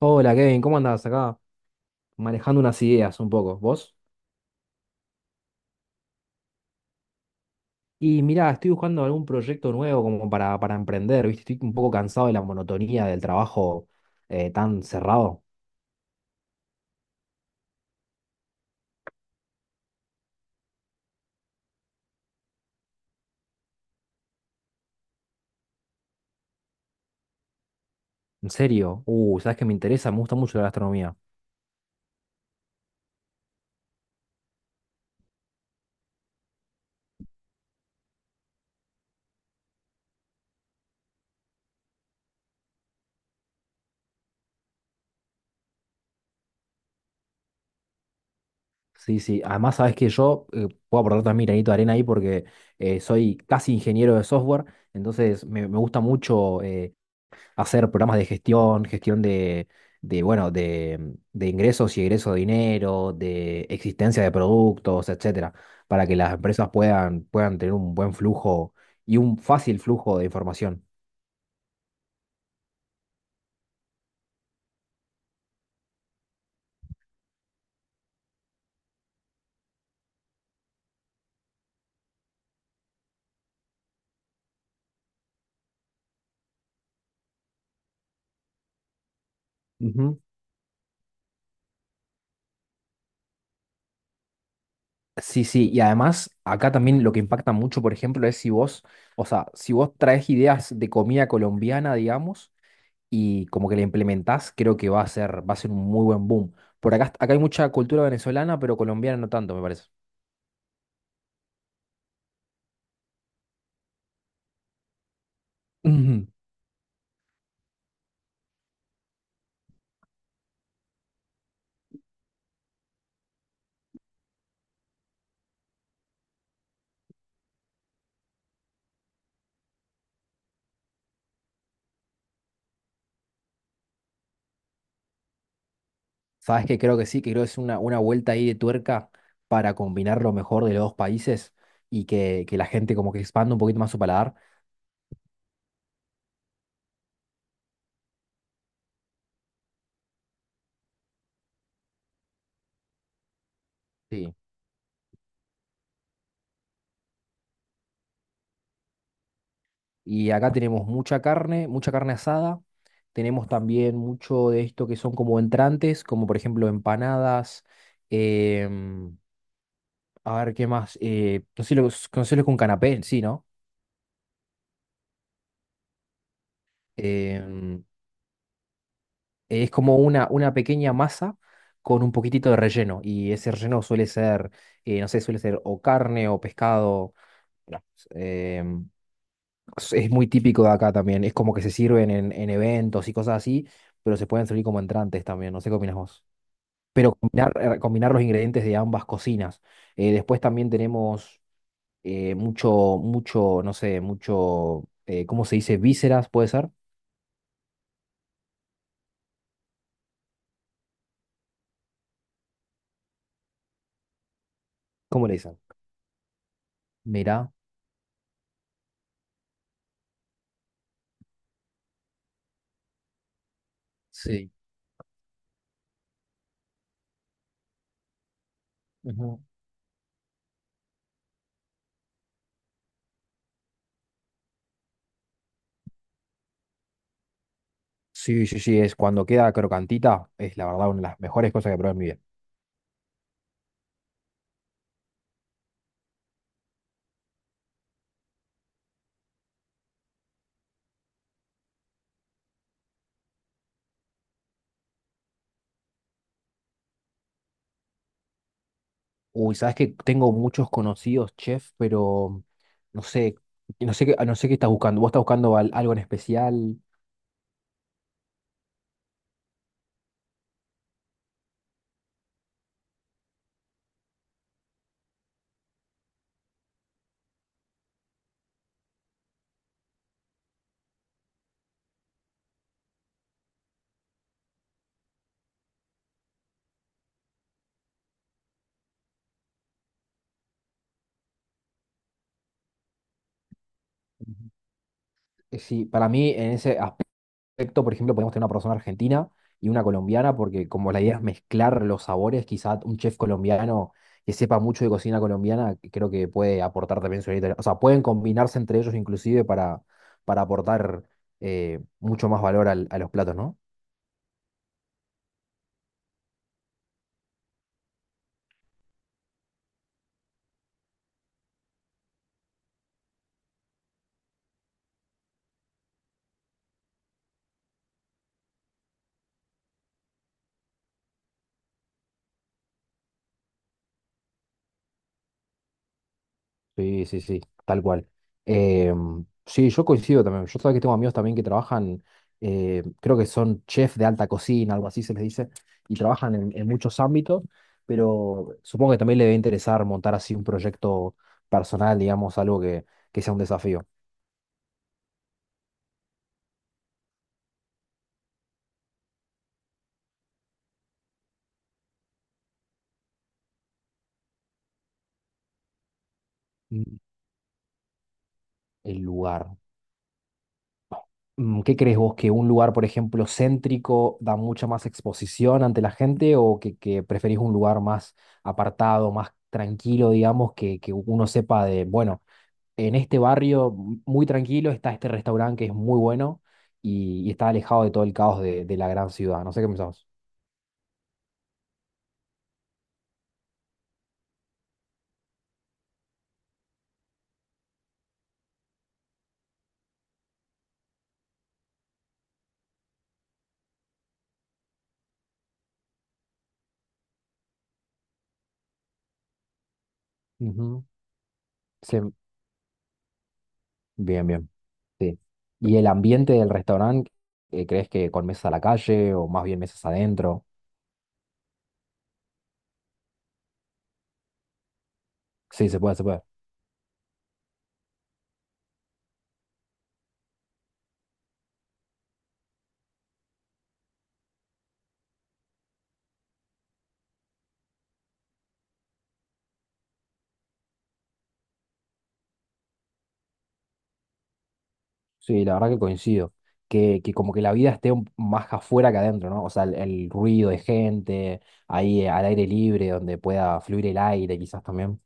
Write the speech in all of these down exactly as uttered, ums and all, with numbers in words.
Hola Kevin, ¿cómo andás acá? Manejando unas ideas un poco, ¿vos? Y mirá, estoy buscando algún proyecto nuevo como para, para emprender, ¿viste? Estoy un poco cansado de la monotonía del trabajo eh, tan cerrado. En serio, uh, sabes que me interesa, me gusta mucho la gastronomía. Sí, sí. Además, sabes que yo eh, puedo aportar también mi granito de arena ahí porque eh, soy casi ingeniero de software, entonces me, me gusta mucho eh, hacer programas de gestión, gestión de, de, bueno, de, de ingresos y egresos de dinero, de existencia de productos, etcétera, para que las empresas puedan, puedan tener un buen flujo y un fácil flujo de información. Sí, sí, y además acá también lo que impacta mucho, por ejemplo, es si vos, o sea, si vos traes ideas de comida colombiana, digamos, y como que la implementás, creo que va a ser, va a ser un muy buen boom. Por acá, acá hay mucha cultura venezolana, pero colombiana no tanto, me parece. Ujú. ¿Sabes que creo que sí, que creo que es una, una vuelta ahí de tuerca para combinar lo mejor de los dos países y que, que la gente como que expanda un poquito más su paladar? Sí. Y acá tenemos mucha carne, mucha carne asada. Tenemos también mucho de esto que son como entrantes, como por ejemplo empanadas. em, a ver, ¿qué más? Eh, no sé lo, ¿conoces lo canapé, sí, no? Em, es como una, una pequeña masa con un poquitito de relleno. Y ese relleno suele ser, eh, no sé, suele ser o carne o pescado. Claro. em, es es muy típico de acá también. Es como que se sirven en, en eventos y cosas así, pero se pueden servir como entrantes también. No sé qué opinas vos. Pero combinar, eh, combinar los ingredientes de ambas cocinas. Eh, después también tenemos eh, mucho, mucho, no sé, mucho, eh, ¿cómo se dice? Vísceras, ¿puede ser? ¿Cómo le dicen? Mirá, sí. Ujú. Sí, sí, sí, es cuando queda crocantita, es la verdad una de las mejores cosas que probé en mi vida. Uy, sabes que tengo muchos conocidos chefs, pero no sé, no sé qué, ah, no sé qué estás buscando. ¿Vos estás buscando al- algo en especial? Ujú. Eh, Sí, para mí en ese, as- perfecto, por ejemplo, podemos tener una persona argentina y una colombiana, porque como la idea es mezclar los sabores, quizá un chef colombiano que sepa mucho de cocina colombiana, que creo que puede aportar también su granito de- O sea, pueden combinarse entre ellos inclusive para, para aportar eh, mucho más valor al- a los platos, ¿no? Sí, sí, sí, tal cual. Em, sí, yo coincido también. Yo sabía que tengo amigos también que trabajan, eh, creo que son chefs de alta cocina, algo así se les dice, y trabajan en, en muchos ámbitos, pero supongo que también le debe interesar montar así un proyecto personal, digamos, algo que, que sea un desafío. Mm. El lugar. Mm, ¿qué crees vos? ¿Que un lugar, por ejemplo, céntrico da mucha más exposición ante la gente o que, que preferís un lugar más apartado, más tranquilo, digamos, que, que uno sepa de, bueno, en este barrio m- muy tranquilo está este restaurante que es muy bueno y, y está alejado de todo el caos de, de la gran ciudad? No sé qué pensás. Ujú. Sí, bien, bien. Sí. ¿Y el ambiente del restaurante, eh, crees que con mesas a la calle o más bien mesas adentro? Sí, se puede, se puede. Sí, la verdad que coincido. Que, que como que la vida esté un- más afuera que adentro, ¿no? O sea, el, el ruido de gente, ahí eh, al aire libre, donde pueda fluir el aire quizás también.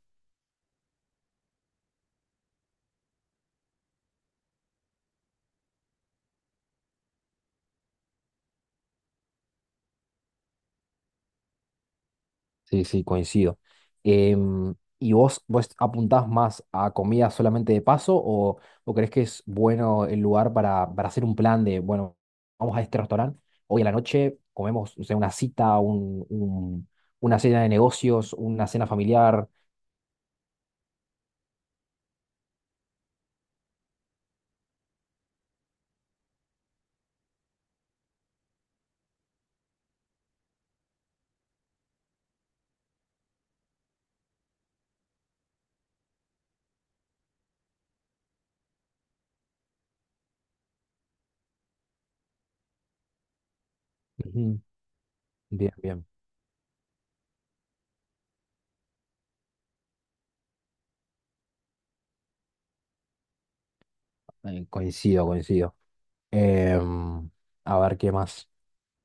Sí, sí, coincido. Em, ¿y vos, vos apuntás más a comida solamente de paso o, o crees que es bueno el lugar para, para hacer un plan de, bueno, vamos a este restaurante, hoy a la noche comemos, no sé, una cita, un, un- una cena de negocios, una cena familiar? Ujú. Bien, bien, eh, coincido, coincido. Em, a ver qué más.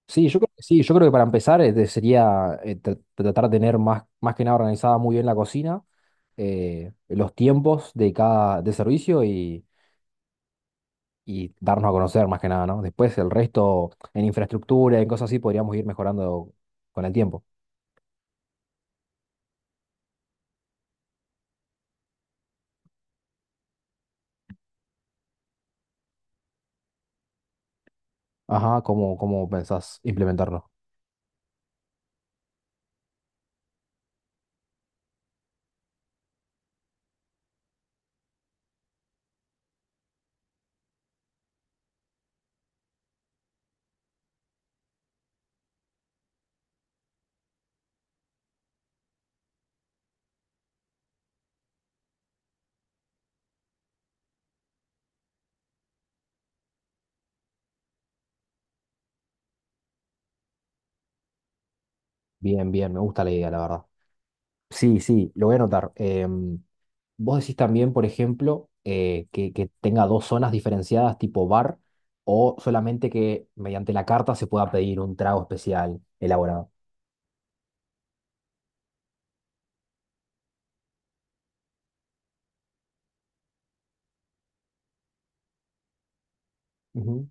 Sí, yo creo que sí, yo creo que para empezar eh, te sería eh, tra- tratar de tener más, más que nada organizada muy bien la cocina, eh, los tiempos de cada de servicio y, y darnos a conocer más que nada, ¿no? Después el resto en infraestructura, en cosas así, podríamos ir mejorando con el tiempo. Ajá, ¿cómo, cómo pensás implementarlo? Bien, bien, me gusta la idea, la verdad. Sí, sí, lo voy a anotar. Em, vos decís también, por ejemplo, eh, que, que tenga dos zonas diferenciadas tipo bar o solamente que mediante la carta se pueda pedir un trago especial elaborado. Ujú.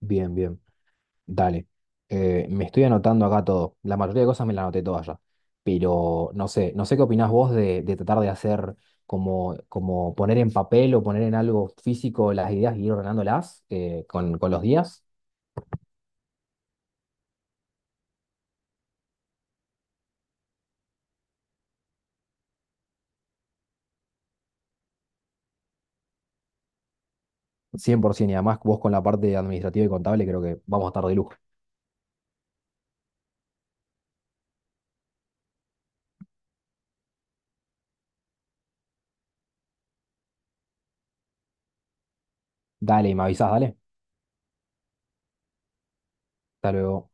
Bien, bien. Dale. Eh, me estoy anotando acá todo. La mayoría de cosas me las anoté todas ya. Pero no sé, no sé qué opinás vos de, de tratar de hacer como, como poner en papel o poner en algo físico las ideas y ir ordenándolas eh, con, con los días. cien por ciento, y además vos con la parte administrativa y contable creo que vamos a estar de lujo. Dale, y me avisás, dale. Hasta luego.